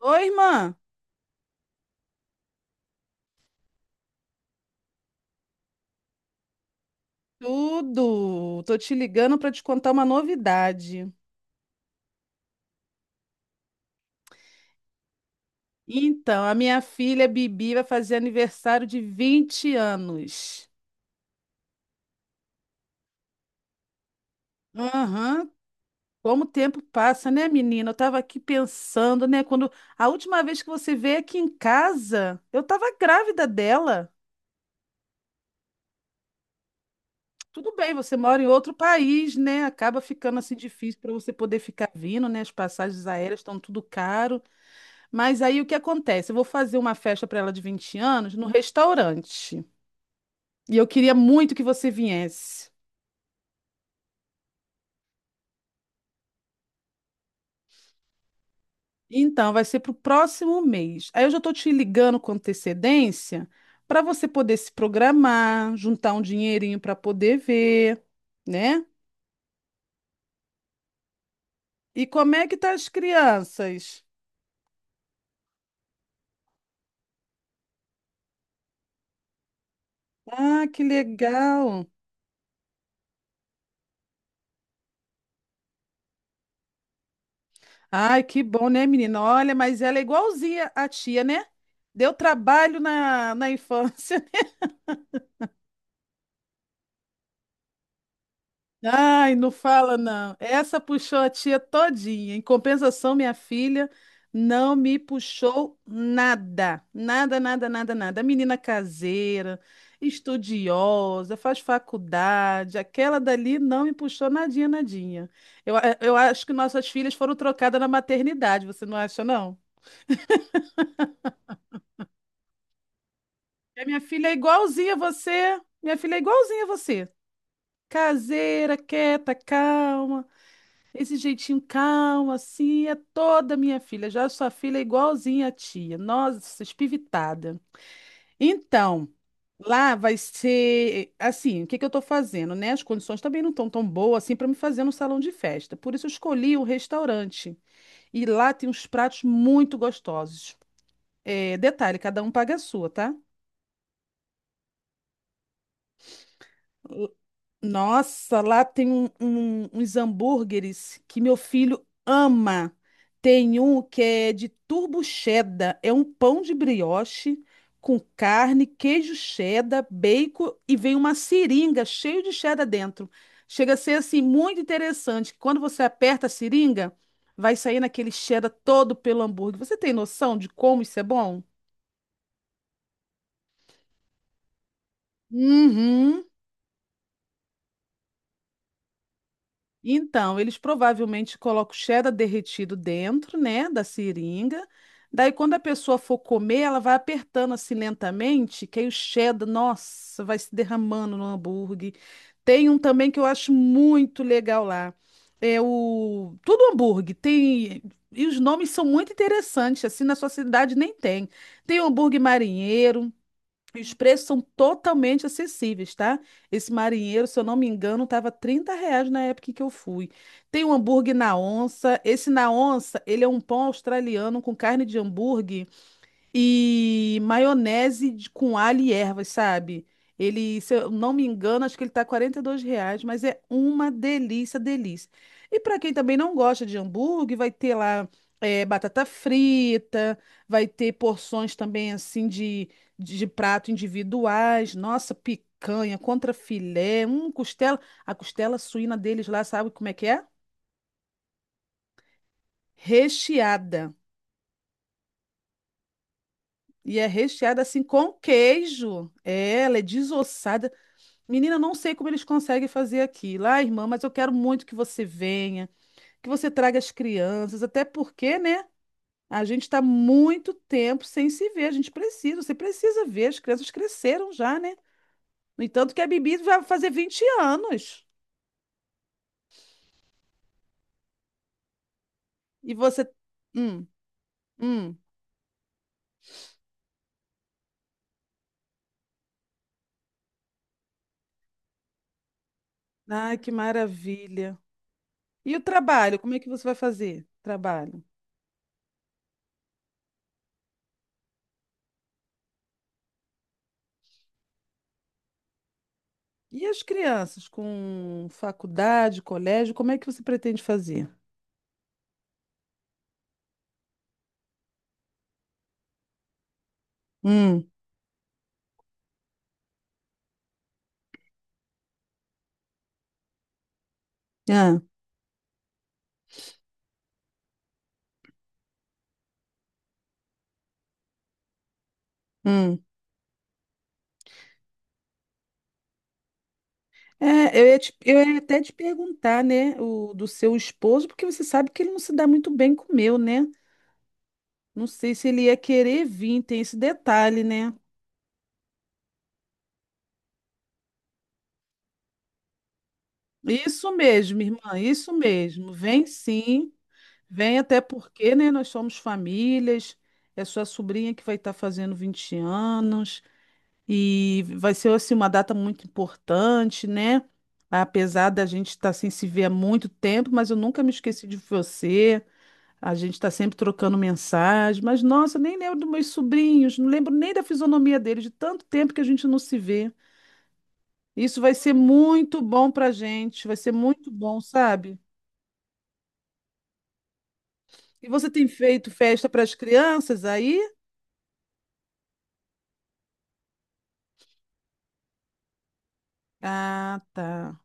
Oi, irmã. Tudo. Tô te ligando para te contar uma novidade. Então, a minha filha Bibi vai fazer aniversário de 20 anos. Aham. Como o tempo passa, né, menina? Eu tava aqui pensando, né, quando a última vez que você veio aqui em casa, eu tava grávida dela. Tudo bem, você mora em outro país, né? Acaba ficando assim difícil para você poder ficar vindo, né? As passagens aéreas estão tudo caro. Mas aí o que acontece? Eu vou fazer uma festa para ela de 20 anos no restaurante. E eu queria muito que você viesse. Então, vai ser para o próximo mês. Aí eu já estou te ligando com antecedência para você poder se programar, juntar um dinheirinho para poder ver, né? E como é que tá as crianças? Ah, que legal. Ai, que bom, né, menina? Olha, mas ela é igualzinha à tia, né? Deu trabalho na infância. Ai, não fala não. Essa puxou a tia todinha. Em compensação, minha filha não me puxou nada. Nada, nada, nada, nada. Menina caseira, estudiosa, faz faculdade. Aquela dali não me puxou nadinha, nadinha. Eu acho que nossas filhas foram trocadas na maternidade, você não acha, não? E minha filha é igualzinha a você. Minha filha é igualzinha a você. Caseira, quieta, calma. Esse jeitinho calmo, assim, é toda minha filha. Já sua filha é igualzinha à tia. Nossa, espivitada. Então, lá vai ser assim, o que que eu estou fazendo, né? As condições também não estão tão boas assim para me fazer no salão de festa. Por isso eu escolhi o restaurante. E lá tem uns pratos muito gostosos. É, detalhe, cada um paga a sua, tá? Nossa, lá tem uns hambúrgueres que meu filho ama. Tem um que é de turbo cheddar, é um pão de brioche com carne, queijo cheddar, bacon e vem uma seringa cheio de cheddar dentro. Chega a ser assim muito interessante, que quando você aperta a seringa, vai sair naquele cheddar todo pelo hambúrguer. Você tem noção de como isso é bom? Uhum. Então, eles provavelmente colocam cheddar derretido dentro, né, da seringa. Daí, quando a pessoa for comer, ela vai apertando assim lentamente, que aí o cheddar, nossa, vai se derramando no hambúrguer. Tem um também que eu acho muito legal lá. É o... Tudo hambúrguer. Tem... E os nomes são muito interessantes, assim, na sua cidade nem tem. Tem o hambúrguer marinheiro, e os preços são totalmente acessíveis, tá? Esse marinheiro, se eu não me engano, estava R$ 30 na época em que eu fui. Tem um hambúrguer na onça. Esse na onça, ele é um pão australiano com carne de hambúrguer e maionese com alho e ervas, sabe? Ele, se eu não me engano, acho que ele tá R$ 42, mas é uma delícia, delícia. E para quem também não gosta de hambúrguer, vai ter lá batata frita, vai ter porções também assim de prato individuais, nossa, picanha, contrafilé, um costela. A costela suína deles lá, sabe como é que é? Recheada. E é recheada assim com queijo. É, ela é desossada. Menina, não sei como eles conseguem fazer aquilo. Ah, irmã, mas eu quero muito que você venha, que você traga as crianças, até porque, né? A gente está muito tempo sem se ver. A gente precisa, você precisa ver. As crianças cresceram já, né? No entanto, que a Bibi vai fazer 20 anos. E você. Hum, hum. Ai, que maravilha. E o trabalho? Como é que você vai fazer? Trabalho. E as crianças com faculdade, colégio, como é que você pretende fazer? Hum, ah, hum. É, eu ia até te perguntar, né, do seu esposo, porque você sabe que ele não se dá muito bem com o meu, né? Não sei se ele ia querer vir, tem esse detalhe, né? Isso mesmo, irmã, isso mesmo. Vem sim, vem até porque, né, nós somos famílias, é sua sobrinha que vai estar fazendo 20 anos e vai ser, assim, uma data muito importante, né? Apesar da gente estar sem se ver há muito tempo, mas eu nunca me esqueci de você. A gente está sempre trocando mensagem, mas nossa, nem lembro dos meus sobrinhos, não lembro nem da fisionomia deles, de tanto tempo que a gente não se vê. Isso vai ser muito bom para a gente, vai ser muito bom, sabe? E você tem feito festa para as crianças aí? Ah, tá.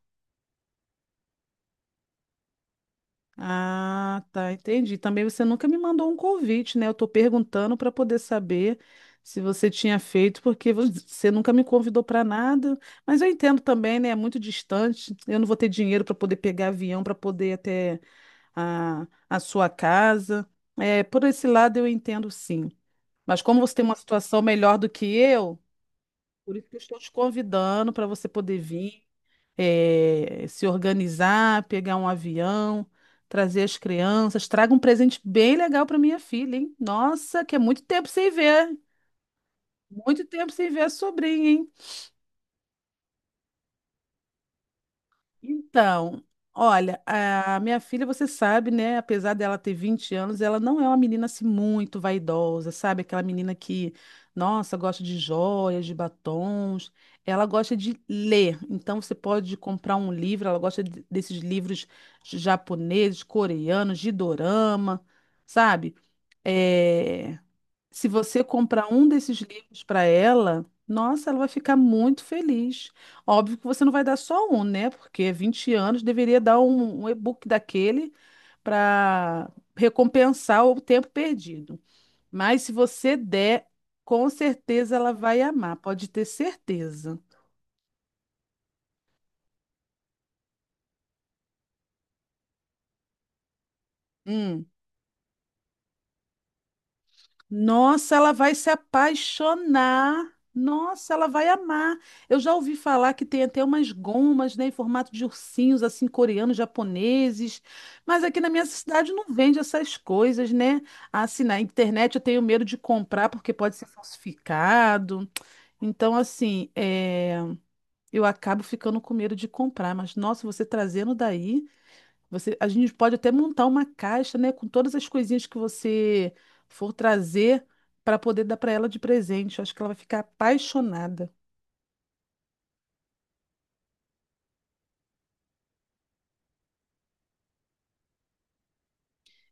Ah, tá, entendi. Também você nunca me mandou um convite, né? Eu tô perguntando para poder saber se você tinha feito, porque você nunca me convidou para nada. Mas eu entendo também, né? É muito distante. Eu não vou ter dinheiro para poder pegar avião, para poder ir até a sua casa. É, por esse lado eu entendo sim. Mas como você tem uma situação melhor do que eu, por isso que eu estou te convidando para você poder vir, se organizar, pegar um avião, trazer as crianças. Traga um presente bem legal para minha filha, hein? Nossa, que é muito tempo sem ver. Muito tempo sem ver a sobrinha, hein? Então, olha, a minha filha, você sabe, né? Apesar dela ter 20 anos, ela não é uma menina assim muito vaidosa, sabe? Aquela menina que, nossa, gosta de joias, de batons. Ela gosta de ler. Então, você pode comprar um livro. Ela gosta desses livros japoneses, coreanos, de dorama, sabe? Eh, se você comprar um desses livros para ela, nossa, ela vai ficar muito feliz. Óbvio que você não vai dar só um, né? Porque 20 anos deveria dar um e-book daquele para recompensar o tempo perdido. Mas se você der, com certeza ela vai amar, pode ter certeza. Hum. Nossa, ela vai se apaixonar. Nossa, ela vai amar. Eu já ouvi falar que tem até umas gomas, né, em formato de ursinhos, assim, coreanos, japoneses. Mas aqui na minha cidade não vende essas coisas, né? Assim, na internet eu tenho medo de comprar porque pode ser falsificado. Então, assim, é, eu acabo ficando com medo de comprar. Mas, nossa, você trazendo daí. Você, a gente pode até montar uma caixa, né, com todas as coisinhas que você for trazer para poder dar para ela de presente. Eu acho que ela vai ficar apaixonada.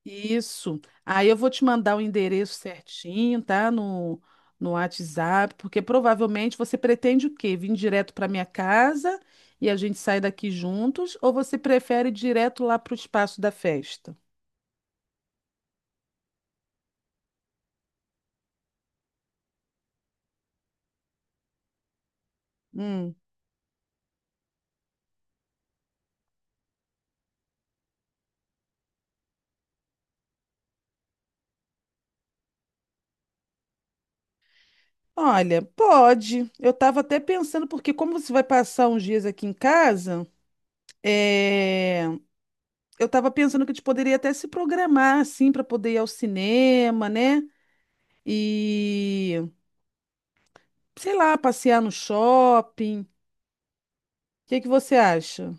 Isso. Aí eu vou te mandar o endereço certinho, tá? No, no WhatsApp, porque provavelmente você pretende o quê? Vir direto para minha casa e a gente sai daqui juntos, ou você prefere ir direto lá para o espaço da festa? Hum. Olha, pode. Eu estava até pensando, porque como você vai passar uns dias aqui em casa. É, eu estava pensando que a gente poderia até se programar assim para poder ir ao cinema, né? E sei lá, passear no shopping. O que que você acha?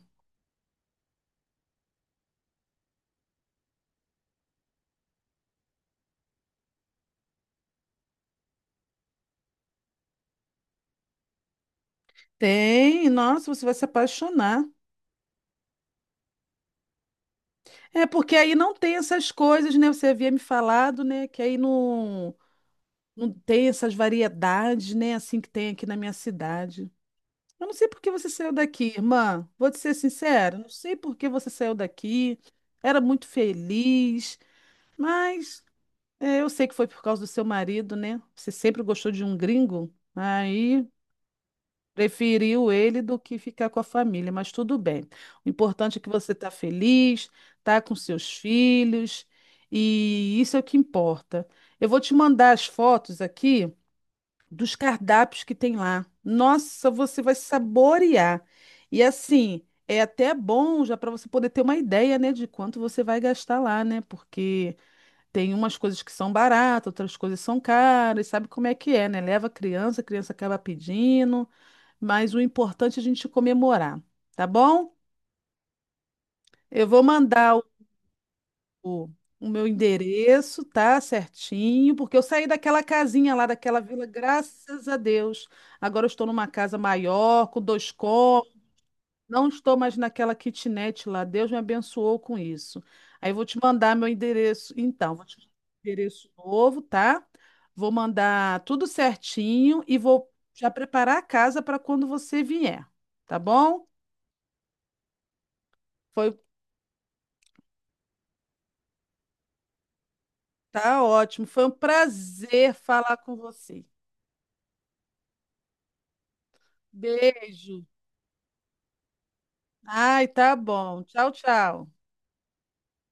Tem, nossa, você vai se apaixonar. É porque aí não tem essas coisas, né? Você havia me falado, né? Que aí não, não tem essas variedades, né? Assim que tem aqui na minha cidade. Eu não sei por que você saiu daqui, irmã. Vou te ser sincera, não sei por que você saiu daqui. Era muito feliz. Mas é, eu sei que foi por causa do seu marido, né? Você sempre gostou de um gringo, aí preferiu ele do que ficar com a família, mas tudo bem. O importante é que você está feliz, está com seus filhos, e isso é o que importa. Eu vou te mandar as fotos aqui dos cardápios que tem lá. Nossa, você vai saborear. E assim, é até bom já para você poder ter uma ideia, né, de quanto você vai gastar lá, né? Porque. Tem umas coisas que são baratas, outras coisas são caras, sabe como é que é, né? Leva a criança acaba pedindo, mas o importante é a gente comemorar, tá bom? Eu vou mandar o o meu endereço, tá? Certinho, porque eu saí daquela casinha lá, daquela vila, graças a Deus. Agora eu estou numa casa maior, com dois cômodos. Não estou mais naquela kitnet lá. Deus me abençoou com isso. Aí eu vou te mandar meu endereço. Então, vou te mandar meu endereço novo, tá? Vou mandar tudo certinho e vou já preparar a casa para quando você vier, tá bom? Foi, tá ótimo. Foi um prazer falar com você. Beijo. Ai, tá bom. Tchau, tchau.